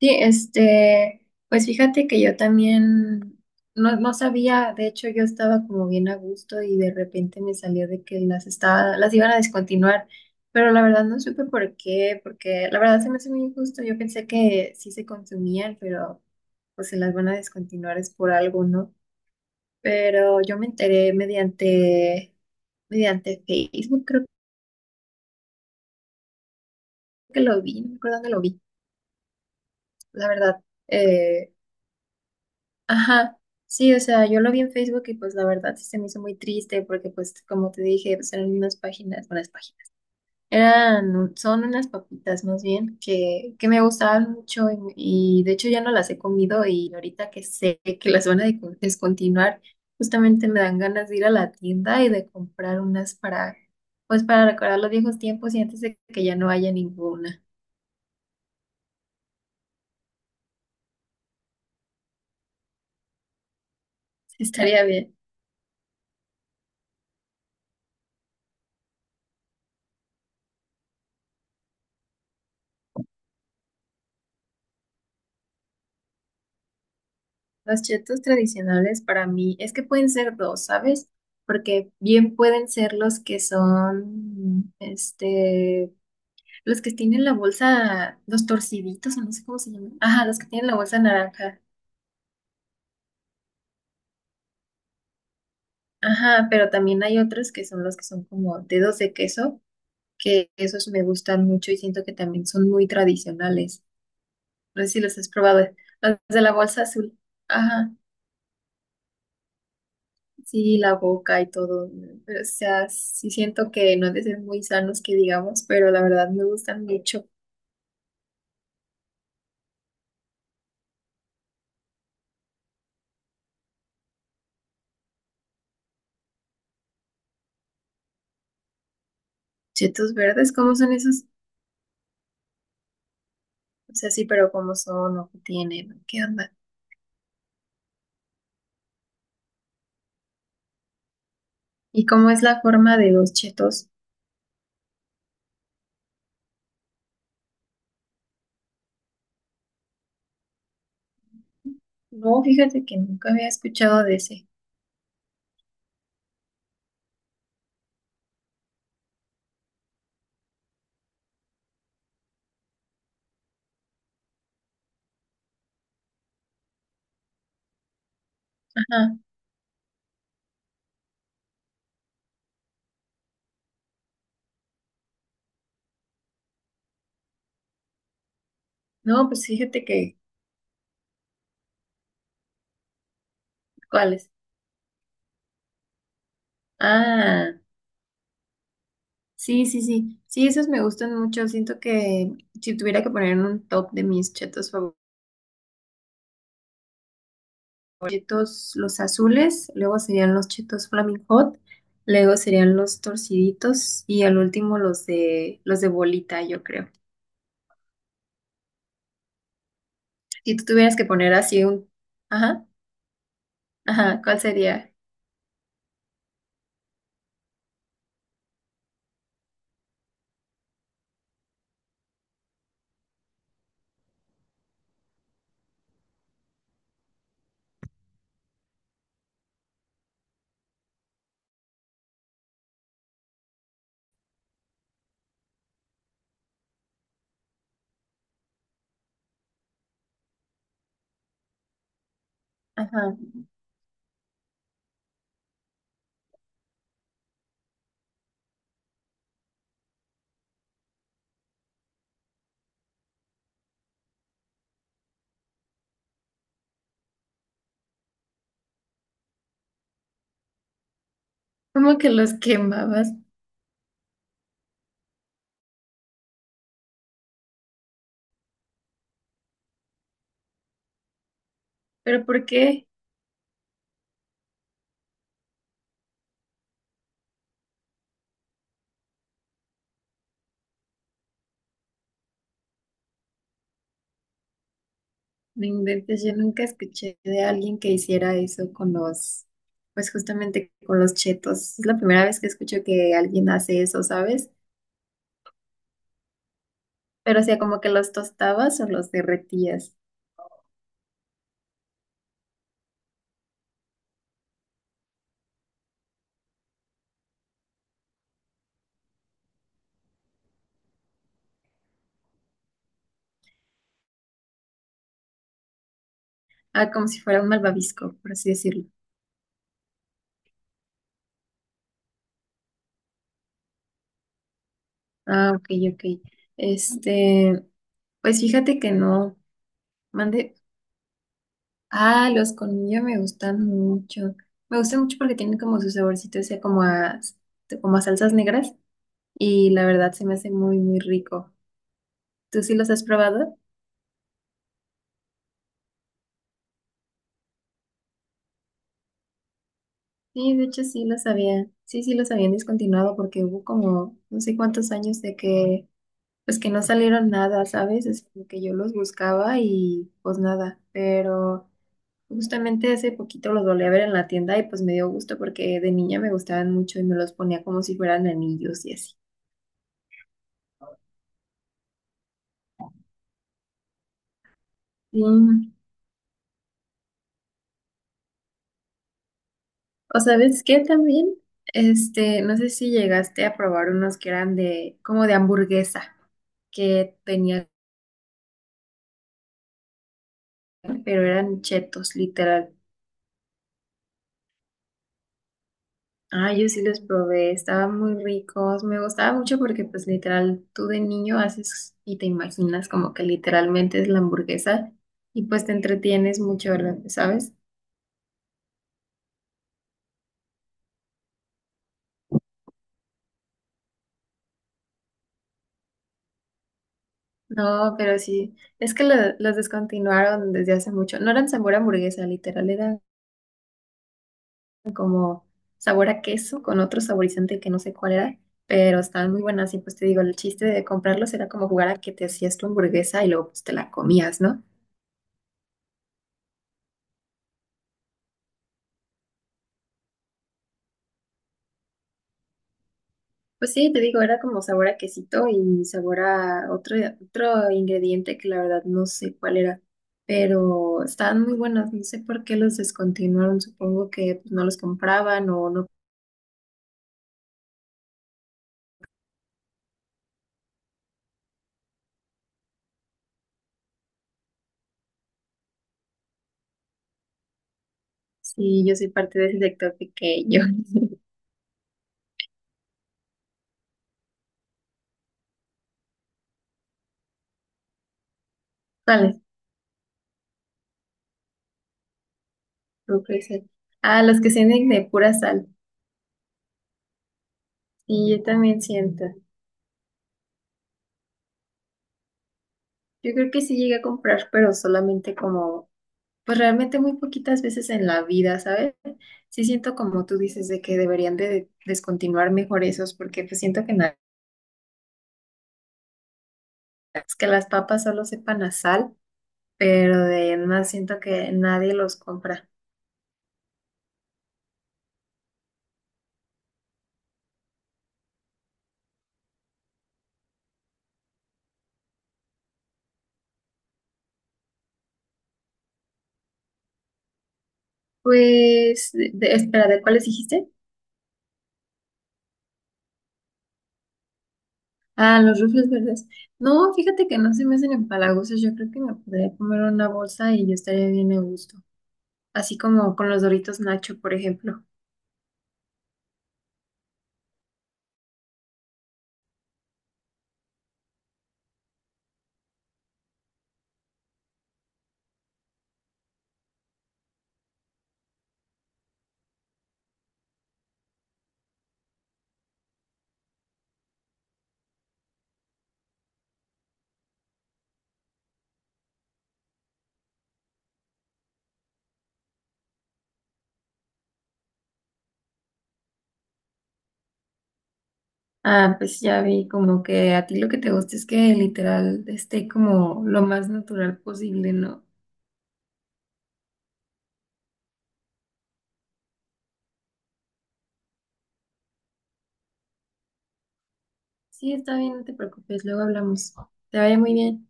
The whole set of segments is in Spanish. Sí, este, pues fíjate que yo también no sabía, de hecho yo estaba como bien a gusto y de repente me salió de que las iban a descontinuar, pero la verdad no supe por qué, porque la verdad se me hace muy injusto, yo pensé que sí se consumían, pero pues se las van a descontinuar es por algo, ¿no? Pero yo me enteré mediante Facebook, creo que lo vi, no me acuerdo dónde lo vi, la verdad. eh, Ajá, sí, o sea, yo lo vi en Facebook y pues la verdad sí se me hizo muy triste porque pues como te dije, pues eran eran, son unas papitas más bien que me gustaban mucho y de hecho ya no las he comido y ahorita que sé que las van a descontinuar, justamente me dan ganas de ir a la tienda y de comprar unas para, pues para recordar los viejos tiempos y antes de que ya no haya ninguna. Estaría bien. Los chetos tradicionales para mí es que pueden ser dos, ¿sabes? Porque bien pueden ser los que son, este, los que tienen la bolsa, los torciditos, o no sé cómo se llaman. Ajá, los que tienen la bolsa naranja. Ajá, pero también hay otros que son los que son como dedos de queso, que esos me gustan mucho y siento que también son muy tradicionales. No sé si los has probado, los de la bolsa azul. Ajá. Sí, la boca y todo, ¿no? Pero, o sea, sí siento que no han de ser muy sanos que digamos, pero la verdad me gustan mucho. Chetos verdes, ¿cómo son esos? O sea, sí, pero ¿cómo son o qué tienen? ¿Qué onda? ¿Y cómo es la forma de los chetos? No, fíjate que nunca había escuchado de ese. Ajá. No, pues fíjate que, ¿cuáles? Ah, sí, sí, sí. Sí, esos me gustan mucho. Siento que si tuviera que poner en un top de mis chetos favoritos, chetos los azules, luego serían los chetos Flaming Hot, luego serían los torciditos y al último los de bolita, yo creo. Si tú tuvieras que poner así un, ajá, ajá, ¿cuál sería? Ajá. Como que los quemabas, pero ¿por qué? No inventes, yo nunca escuché de alguien que hiciera eso con los, pues justamente con los chetos. Es la primera vez que escucho que alguien hace eso, ¿sabes? Pero o sea, como que los tostabas o los derretías. Ah, como si fuera un malvavisco, por así decirlo. Ah, ok, ok. Este, pues fíjate que no. Mande. Ah, los colmillos me gustan mucho. Me gustan mucho porque tienen como su saborcito, o sea, como a salsas negras. Y la verdad se me hace muy rico. ¿Tú sí los has probado? Sí, de hecho sí los había. Sí, los habían descontinuado porque hubo como no sé cuántos años de que, pues que no salieron nada, ¿sabes? Es como que yo los buscaba y pues nada, pero. Justamente hace poquito los volví a ver en la tienda y pues me dio gusto porque de niña me gustaban mucho y me los ponía como si fueran anillos y así. Sí. O sabes qué también, este, no sé si llegaste a probar unos que eran de, como de hamburguesa, que tenían, pero eran chetos, literal. Ah, yo sí los probé, estaban muy ricos, me gustaba mucho porque pues literal, tú de niño haces y te imaginas como que literalmente es la hamburguesa y pues te entretienes mucho, ¿sabes? No, pero sí, es que los descontinuaron desde hace mucho. No eran sabor a hamburguesa, literal, eran como sabor a queso con otro saborizante que no sé cuál era, pero estaban muy buenas y pues te digo, el chiste de comprarlos era como jugar a que te hacías tu hamburguesa y luego pues te la comías, ¿no? Pues sí, te digo, era como sabor a quesito y sabor a otro ingrediente que la verdad no sé cuál era, pero estaban muy buenas, no sé por qué los descontinuaron, supongo que pues, no los compraban o no. Sí, yo soy parte de ese sector pequeño. ¿Cuáles? No puede ser. Ah, los que venden de pura sal. Sí, yo también siento. Yo creo que sí llegué a comprar, pero solamente como, pues realmente muy poquitas veces en la vida, ¿sabes? Sí siento como tú dices de que deberían de descontinuar mejor esos, porque pues siento que es que las papas solo sepan a sal, pero de más siento que nadie los compra. Pues, espera, ¿de cuáles dijiste? Ah, los rufles verdes. No, fíjate que no se me hacen empalagosos. Yo creo que me podría comer una bolsa y yo estaría bien a gusto. Así como con los Doritos Nacho, por ejemplo. Ah, pues ya vi como que a ti lo que te gusta es que literal esté como lo más natural posible, ¿no? Sí, está bien, no te preocupes. Luego hablamos. Te vaya muy bien.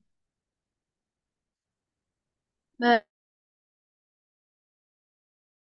Bye.